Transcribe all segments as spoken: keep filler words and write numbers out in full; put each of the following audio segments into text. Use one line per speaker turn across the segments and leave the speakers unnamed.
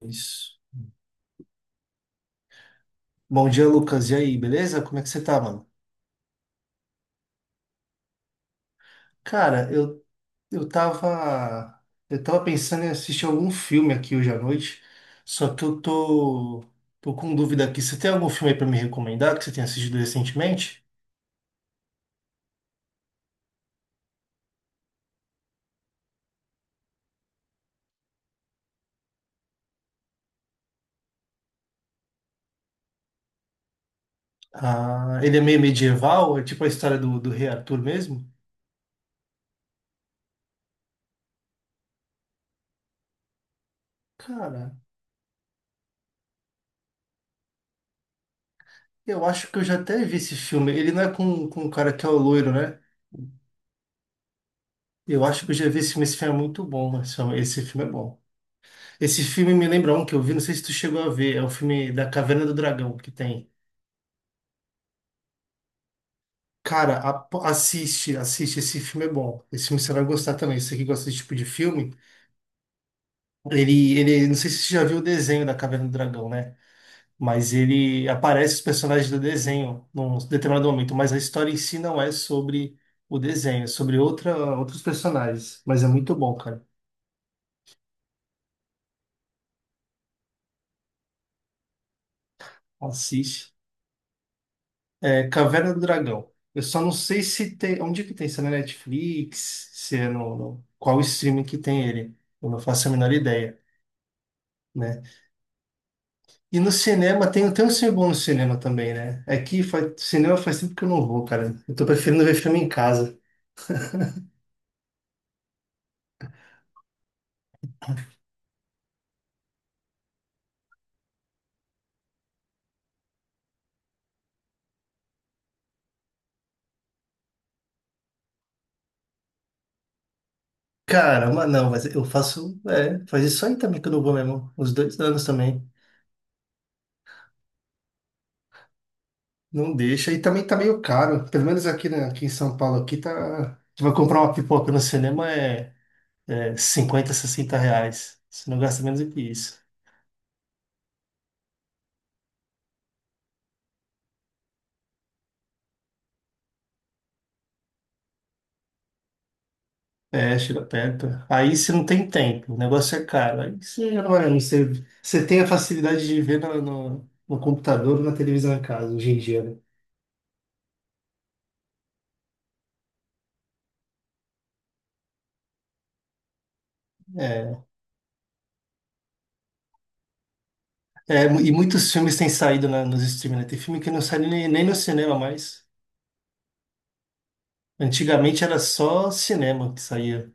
Isso. Bom dia, Lucas. E aí, beleza? Como é que você tá, mano? Cara, eu, eu tava, eu tava pensando em assistir algum filme aqui hoje à noite, só que eu tô, tô com dúvida aqui. Você tem algum filme aí pra me recomendar que você tenha assistido recentemente? Ah, ele é meio medieval, é tipo a história do, do Rei Arthur mesmo? Cara, eu acho que eu já até vi esse filme. Ele não é com, com o cara que é o loiro, né? Eu acho que eu já vi esse filme. Esse filme é muito bom, mano. Esse filme esse filme é bom. Esse filme me lembra um que eu vi, não sei se tu chegou a ver, é o filme da Caverna do Dragão que tem. Cara, apo- assiste, assiste, esse filme é bom. Esse filme você vai gostar também. Você que gosta desse tipo de filme, ele, ele, não sei se você já viu o desenho da Caverna do Dragão, né? Mas ele aparece os personagens do desenho num determinado momento, mas a história em si não é sobre o desenho, é sobre outra, outros personagens. Mas é muito bom, cara. Assiste. É Caverna do Dragão. Eu só não sei se tem. Onde que tem? Se é na Netflix? Se é no, no- qual streaming que tem ele? Eu não faço a menor ideia, né? E no cinema, tem, tem um filme bom no cinema também, né? É que faz, cinema faz tempo que eu não vou, cara. Eu tô preferindo ver filme em casa. Caramba, não, mas eu faço. É, faz isso aí também que eu não vou mesmo. Uns dois anos também. Não deixa. E também tá meio caro. Pelo menos aqui, né, aqui em São Paulo, aqui tá. Tu vai comprar uma pipoca no cinema, é é, cinquenta, sessenta reais. Você não gasta menos do que isso. É, chiropeca. Aí você não tem tempo, o negócio é caro. Aí você já não vai, não sei. Você tem a facilidade de ver no, no, no computador ou na televisão em casa, hoje em dia, né? É, é, e muitos filmes têm saído na- nos streaming, né? Tem filme que não sai nem, nem no cinema mais. Antigamente era só cinema que saía.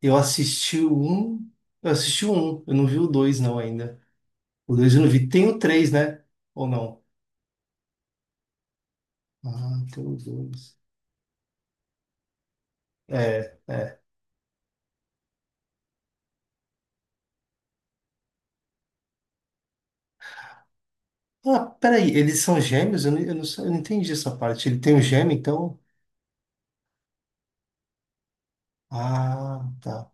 Eu assisti o um, eu assisti o um, eu não vi o dois não ainda. O dois eu não vi. Tem o três, né? Ou não? Ah, tem o dois. É, é. Ah, peraí, eles são gêmeos? Eu não, eu não, sei- eu não entendi essa parte. Ele tem um gêmeo, então. Ah, tá.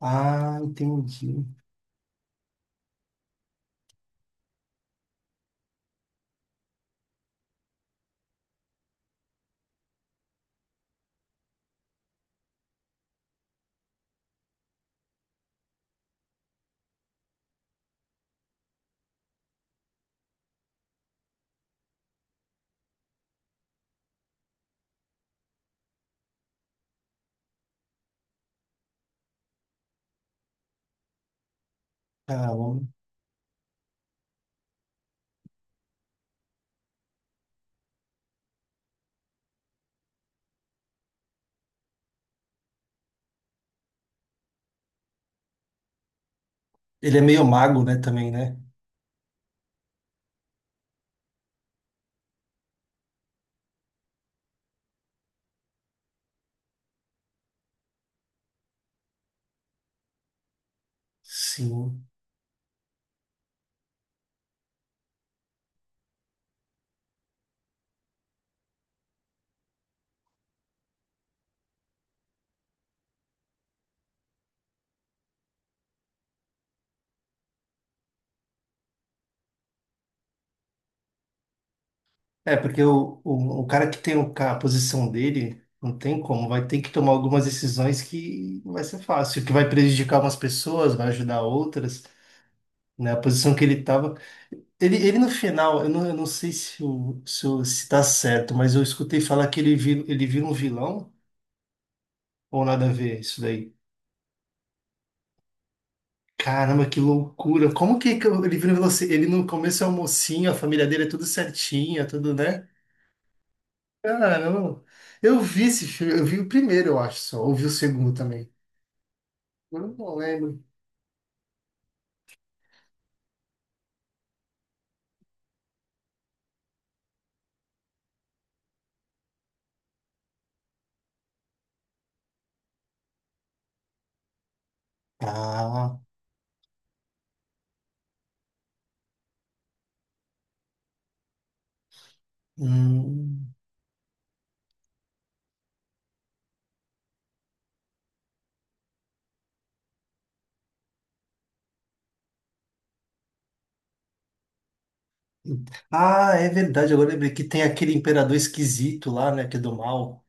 Ah, entendi. Caramba. Ele é meio mago, né, também, né? Sim. É, porque o, o, o cara que tem o ca- a posição dele, não tem como, vai ter que tomar algumas decisões que não vai ser fácil, que vai prejudicar umas pessoas, vai ajudar outras, né? A posição que ele estava. Ele, ele no final, eu não, eu não sei se, o, se, o- se tá certo, mas eu escutei falar que ele vira, ele vira um vilão ou nada a ver isso daí. Caramba, que loucura! Como que que ele vira um vilão? Se ele no começo é um mocinho, a família dele é tudo certinha, tudo, né? Caramba, eu vi esse filme, eu vi o primeiro, eu acho só, ou vi o segundo também. Agora eu não lembro. Ah, hum. Ah, é verdade, agora eu lembrei que tem aquele imperador esquisito lá, né, que é do mal.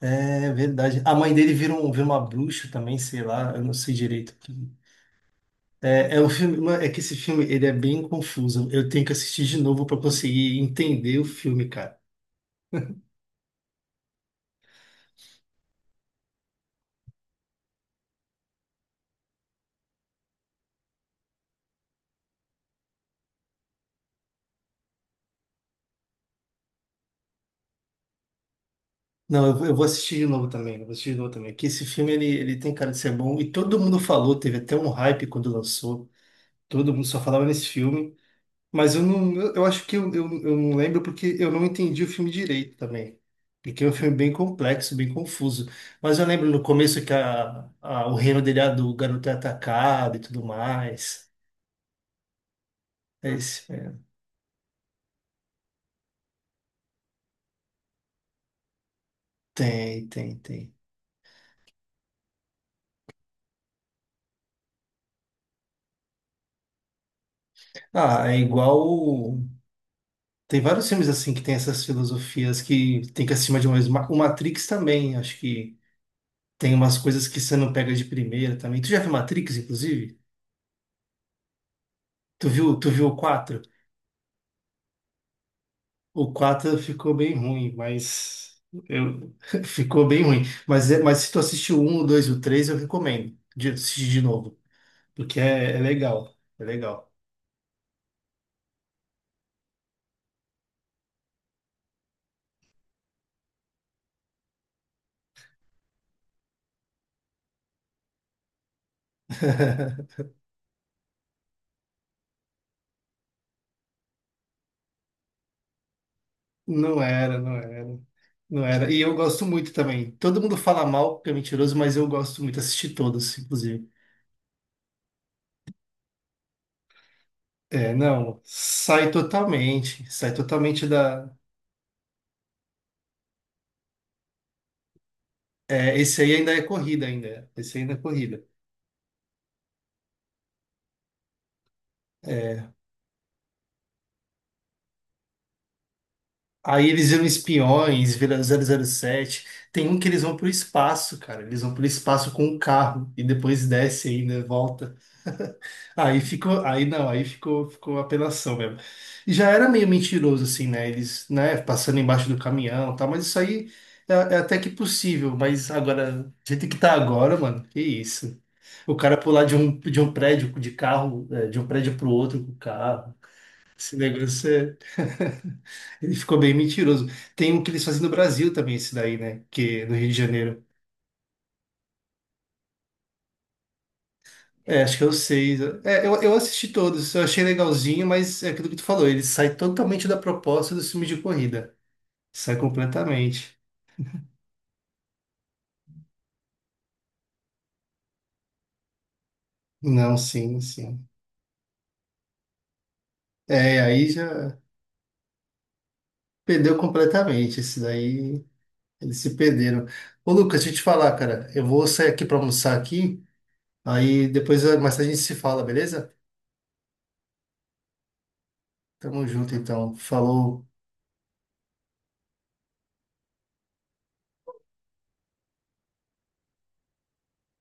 É verdade. A mãe dele vira, um, vira uma bruxa também, sei lá, eu não sei direito. É, é um filme, mano, é que esse filme ele é bem confuso. Eu tenho que assistir de novo para conseguir entender o filme, cara. Não, eu, vou eu vou assistir de novo também. Eu vou assistir de novo também. Que esse filme ele, ele tem cara de ser bom e todo mundo falou, teve até um hype quando lançou. Todo mundo só falava nesse filme. Mas eu não, eu eu acho que eu, eu, eu não lembro porque eu não entendi o filme direito também. Porque é um filme bem complexo, bem confuso. Mas eu lembro no começo que a, a- o reino dele, é do garoto, é atacado e tudo mais. É esse, é. Tem, tem, tem. Ah, é igual. o- Tem vários filmes assim que tem essas filosofias que tem que acima de uma. mesma- O Matrix também, acho que tem umas coisas que você não pega de primeira também. Tu já viu Matrix, inclusive? Tu viu, tu viu o quatro? O quatro ficou bem ruim, mas eu ficou bem ruim. Mas, é- mas se tu assistiu o um, o dois e o três, eu recomendo de assistir de novo, porque é, é legal, é legal. Não era, não era, não era. E eu gosto muito também. Todo mundo fala mal porque é mentiroso, mas eu gosto muito, assisti todos, inclusive. É, não, sai totalmente, sai totalmente da. É, esse aí ainda é corrida ainda, esse aí ainda é corrida. Aí eles viram espiões, viram zero zero sete. Tem um que eles vão pro espaço, cara. Eles vão pro espaço com o carro e depois desce ainda, volta. Aí ficou, aí não, aí ficou, ficou apelação mesmo. E já era meio mentiroso assim, né? Eles, né, passando embaixo do caminhão, e tal, mas isso aí é, é até que possível, mas agora, do jeito que tá agora, mano, que isso. O cara pular de um, de um prédio de carro, é, de um prédio pro outro com o carro. Esse negócio ele ficou bem mentiroso. Tem um que eles fazem no Brasil também, esse daí, né? Que é no Rio de Janeiro. É, acho que é o seis. É, eu, eu assisti todos, eu achei legalzinho, mas é aquilo que tu falou, ele sai totalmente da proposta do filme de corrida. Sai completamente. Não, sim, sim. É, aí já perdeu completamente. Esse daí, eles se perderam. Ô, Lucas, deixa eu te falar, cara. Eu vou sair aqui pra almoçar aqui, aí depois eh, mais tarde a gente se fala, beleza? Tamo junto, então. Falou.